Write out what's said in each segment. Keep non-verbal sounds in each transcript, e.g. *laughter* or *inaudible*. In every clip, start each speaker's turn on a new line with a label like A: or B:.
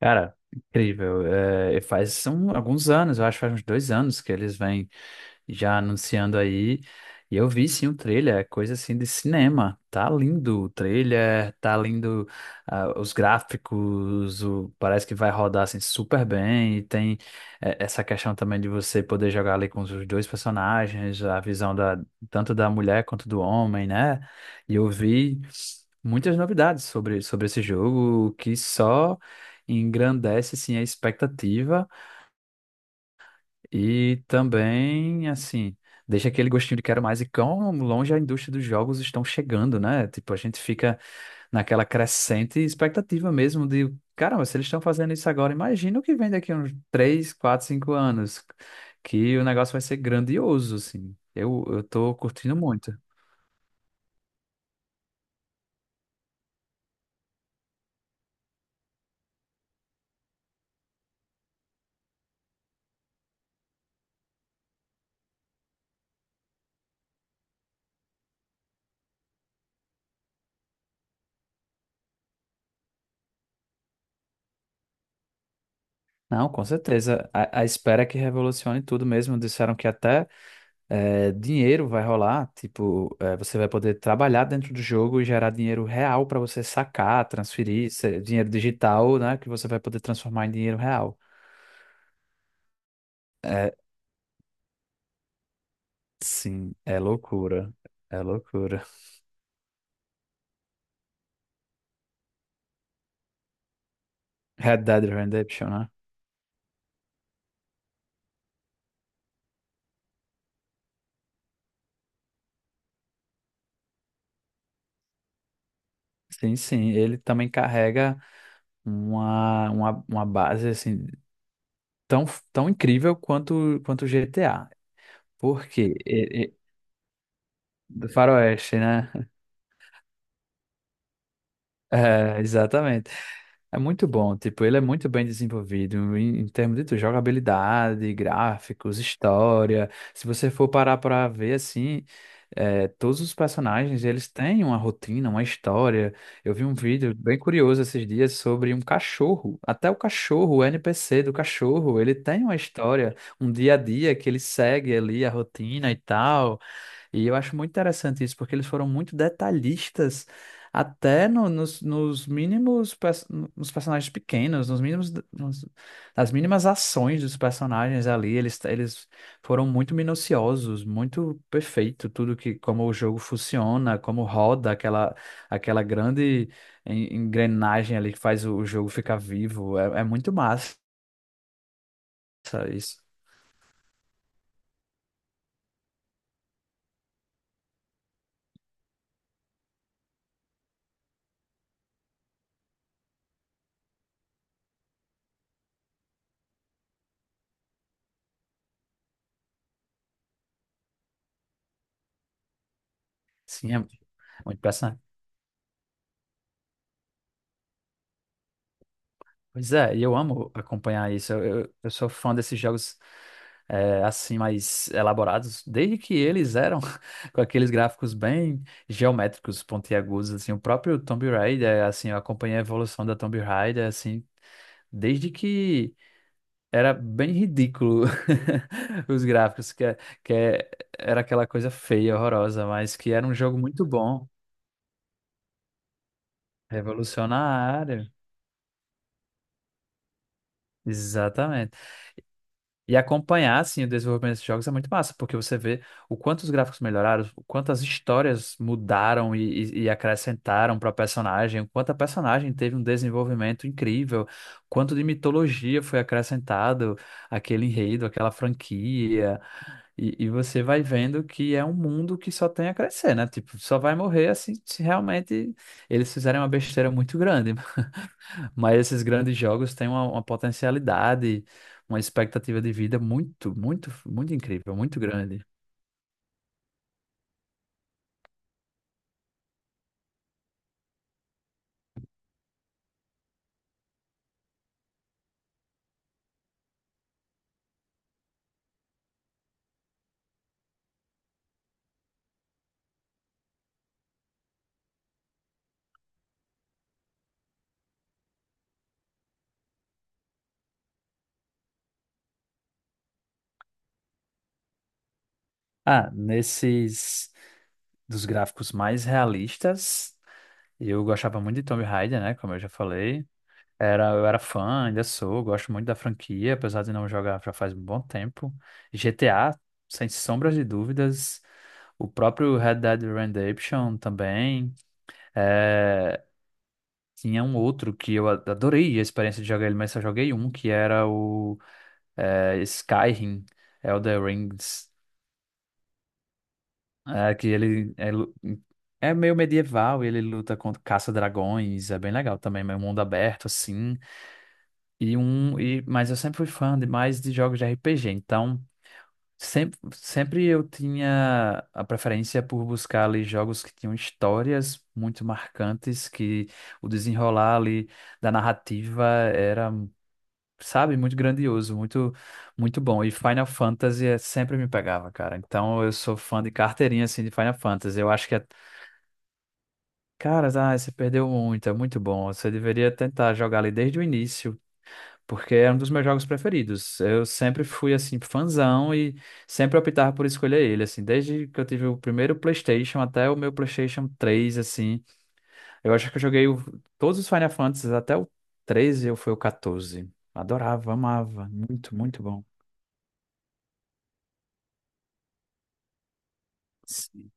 A: Cara, incrível. É, e alguns anos, eu acho que faz uns dois anos que eles vêm já anunciando aí. E eu vi sim o trailer, é coisa assim de cinema. Tá lindo o trailer, tá lindo os gráficos, parece que vai rodar assim super bem. E tem essa questão também de você poder jogar ali com os dois personagens, a visão da, tanto da mulher quanto do homem, né? E eu vi muitas novidades sobre esse jogo que só engrandece assim a expectativa. E também, assim, deixa aquele gostinho de quero mais e quão longe a indústria dos jogos estão chegando, né? Tipo, a gente fica naquela crescente expectativa mesmo de, caramba, se eles estão fazendo isso agora, imagina o que vem daqui a uns 3 4 5 anos, que o negócio vai ser grandioso, assim. Eu tô curtindo muito. Não, com certeza. A espera é que revolucione tudo mesmo. Disseram que até é, dinheiro vai rolar, tipo, é, você vai poder trabalhar dentro do jogo e gerar dinheiro real para você sacar, transferir, dinheiro digital, né, que você vai poder transformar em dinheiro real. É, sim, é loucura. É loucura. *laughs* Red Dead Redemption, né? Sim, sim, ele também carrega uma base assim tão, tão incrível quanto o GTA. Por quê? Do Faroeste, né? *laughs* É, exatamente. É muito bom, tipo, ele é muito bem desenvolvido em termos de tudo, jogabilidade, gráficos, história. Se você for parar para ver assim, é, todos os personagens, eles têm uma rotina, uma história. Eu vi um vídeo bem curioso esses dias sobre um cachorro. Até o cachorro, o NPC do cachorro, ele tem uma história, um dia a dia que ele segue ali a rotina e tal. E eu acho muito interessante isso, porque eles foram muito detalhistas, até nos mínimos, nos personagens pequenos, nas mínimas ações dos personagens ali, eles foram muito minuciosos, muito perfeito, tudo que, como o jogo funciona, como roda aquela grande engrenagem ali que faz o jogo ficar vivo, é, é muito massa isso. Sim, é muito impressionante. Pois é, e eu amo acompanhar isso. Eu sou fã desses jogos é, assim mais elaborados, desde que eles eram *laughs* com aqueles gráficos bem geométricos, pontiagudos, assim, o próprio Tomb Raider, assim, eu acompanhei a evolução da Tomb Raider, assim, desde que era bem ridículo *laughs* os gráficos, que é- era aquela coisa feia, horrorosa, mas que era um jogo muito bom, revolucionário. Exatamente. E acompanhar, assim, o desenvolvimento desses jogos é muito massa, porque você vê o quanto os gráficos melhoraram, o quanto as histórias mudaram e acrescentaram para a personagem, o quanto a personagem teve um desenvolvimento incrível, o quanto de mitologia foi acrescentado àquele enredo, àquela franquia. E você vai vendo que é um mundo que só tem a crescer, né? Tipo, só vai morrer assim se realmente eles fizerem uma besteira muito grande. *laughs* Mas esses grandes jogos têm uma potencialidade, uma expectativa de vida muito, muito, muito incrível, muito grande. Ah, nesses dos gráficos mais realistas, eu gostava muito de Tomb Raider, né? Como eu já falei. Era, eu era fã, ainda sou, gosto muito da franquia, apesar de não jogar já faz um bom tempo. GTA, sem sombras de dúvidas. O próprio Red Dead Redemption também. É, tinha um outro que adorei a experiência de jogar ele, mas só joguei um, que era o é, Skyrim, Elder Rings. É, que ele é meio medieval, ele luta contra caça-dragões, é bem legal também, meio mundo aberto, assim. Mas eu sempre fui fã demais de jogos de RPG, então sempre, sempre eu tinha a preferência por buscar ali jogos que tinham histórias muito marcantes, que o desenrolar ali da narrativa era, sabe, muito grandioso, muito, muito bom. E Final Fantasy sempre me pegava, cara. Então eu sou fã de carteirinha, assim, de Final Fantasy. Eu acho que é, cara, ah, você perdeu muito, é muito bom. Você deveria tentar jogar ali desde o início porque é um dos meus jogos preferidos. Eu sempre fui assim fãzão e sempre optava por escolher ele, assim, desde que eu tive o primeiro PlayStation até o meu PlayStation 3, assim. Eu acho que todos os Final Fantasies até o 13 ou foi o 14. Adorava, amava, muito, muito bom. Sim,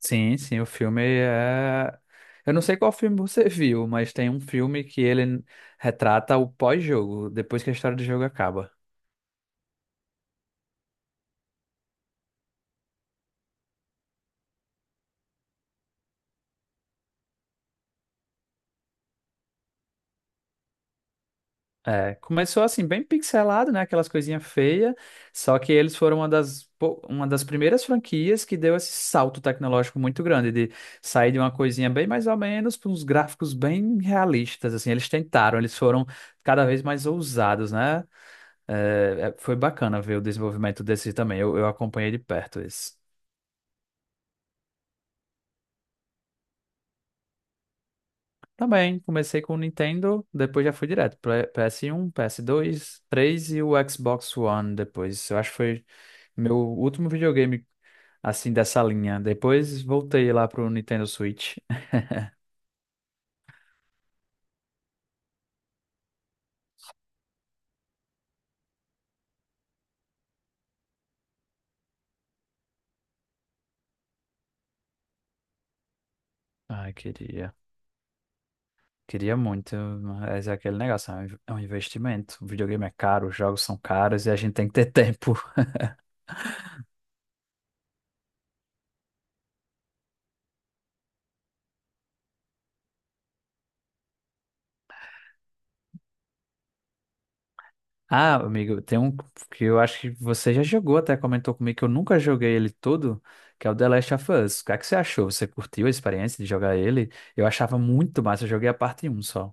A: sim, sim, o filme é. Eu não sei qual filme você viu, mas tem um filme que ele retrata o pós-jogo, depois que a história do jogo acaba. É, começou assim, bem pixelado, né? Aquelas coisinhas feias. Só que eles foram uma das, uma das primeiras franquias que deu esse salto tecnológico muito grande, de sair de uma coisinha bem mais ou menos para uns gráficos bem realistas, assim. Eles tentaram, eles foram cada vez mais ousados, né? É, é, foi bacana ver o desenvolvimento desse também. Eu acompanhei de perto isso. Também, comecei com o Nintendo, depois já fui direto para PS1, PS2, 3 e o Xbox One depois. Eu acho que foi meu último videogame assim dessa linha. Depois voltei lá pro Nintendo Switch. Ai, queria. Queria muito, mas é aquele negócio, é um investimento. O videogame é caro, os jogos são caros e a gente tem que ter tempo. *laughs* Ah, amigo, tem um que eu acho que você já jogou, até comentou comigo que eu nunca joguei ele todo, que é o The Last of Us. O que é que você achou? Você curtiu a experiência de jogar ele? Eu achava muito massa, eu joguei a parte um só.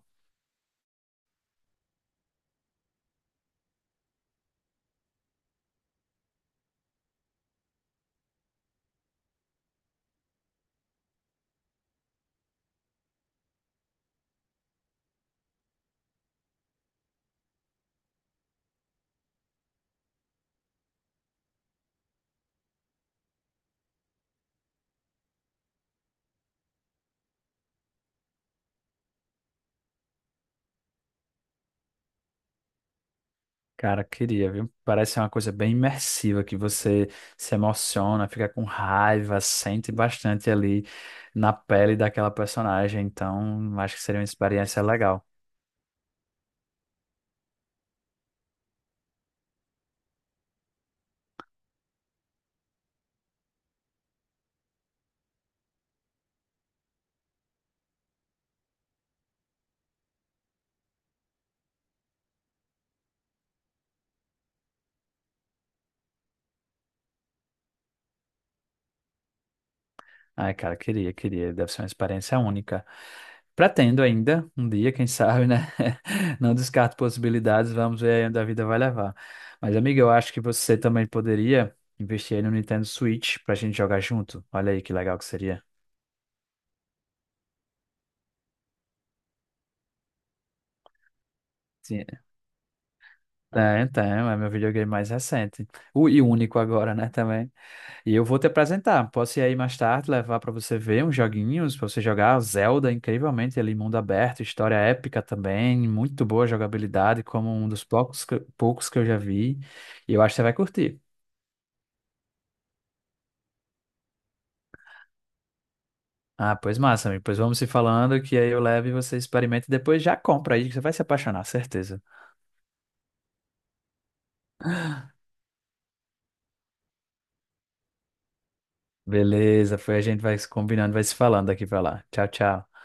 A: Cara, queria, viu? Parece ser uma coisa bem imersiva, que você se emociona, fica com raiva, sente bastante ali na pele daquela personagem. Então, acho que seria uma experiência legal. Ai, cara, queria, queria. Deve ser uma experiência única. Pretendo ainda, um dia, quem sabe, né? *laughs* Não descarto possibilidades, vamos ver aí onde a vida vai levar. Mas, amiga, eu acho que você também poderia investir aí no Nintendo Switch pra gente jogar junto. Olha aí que legal que seria. Sim. É, então, é meu videogame mais recente. O, e único agora, né, também. E eu vou te apresentar. Posso ir aí mais tarde, levar para você ver uns joguinhos, para você jogar Zelda, incrivelmente ali, mundo aberto, história épica também, muito boa jogabilidade, como um dos poucos que eu já vi. E eu acho que você vai curtir. Ah, pois massa, amigo. Pois vamos se falando, que aí eu levo e você experimenta e depois já compra aí, que você vai se apaixonar, certeza. Beleza, foi a gente vai se combinando, vai se falando daqui para lá. Tchau, tchau.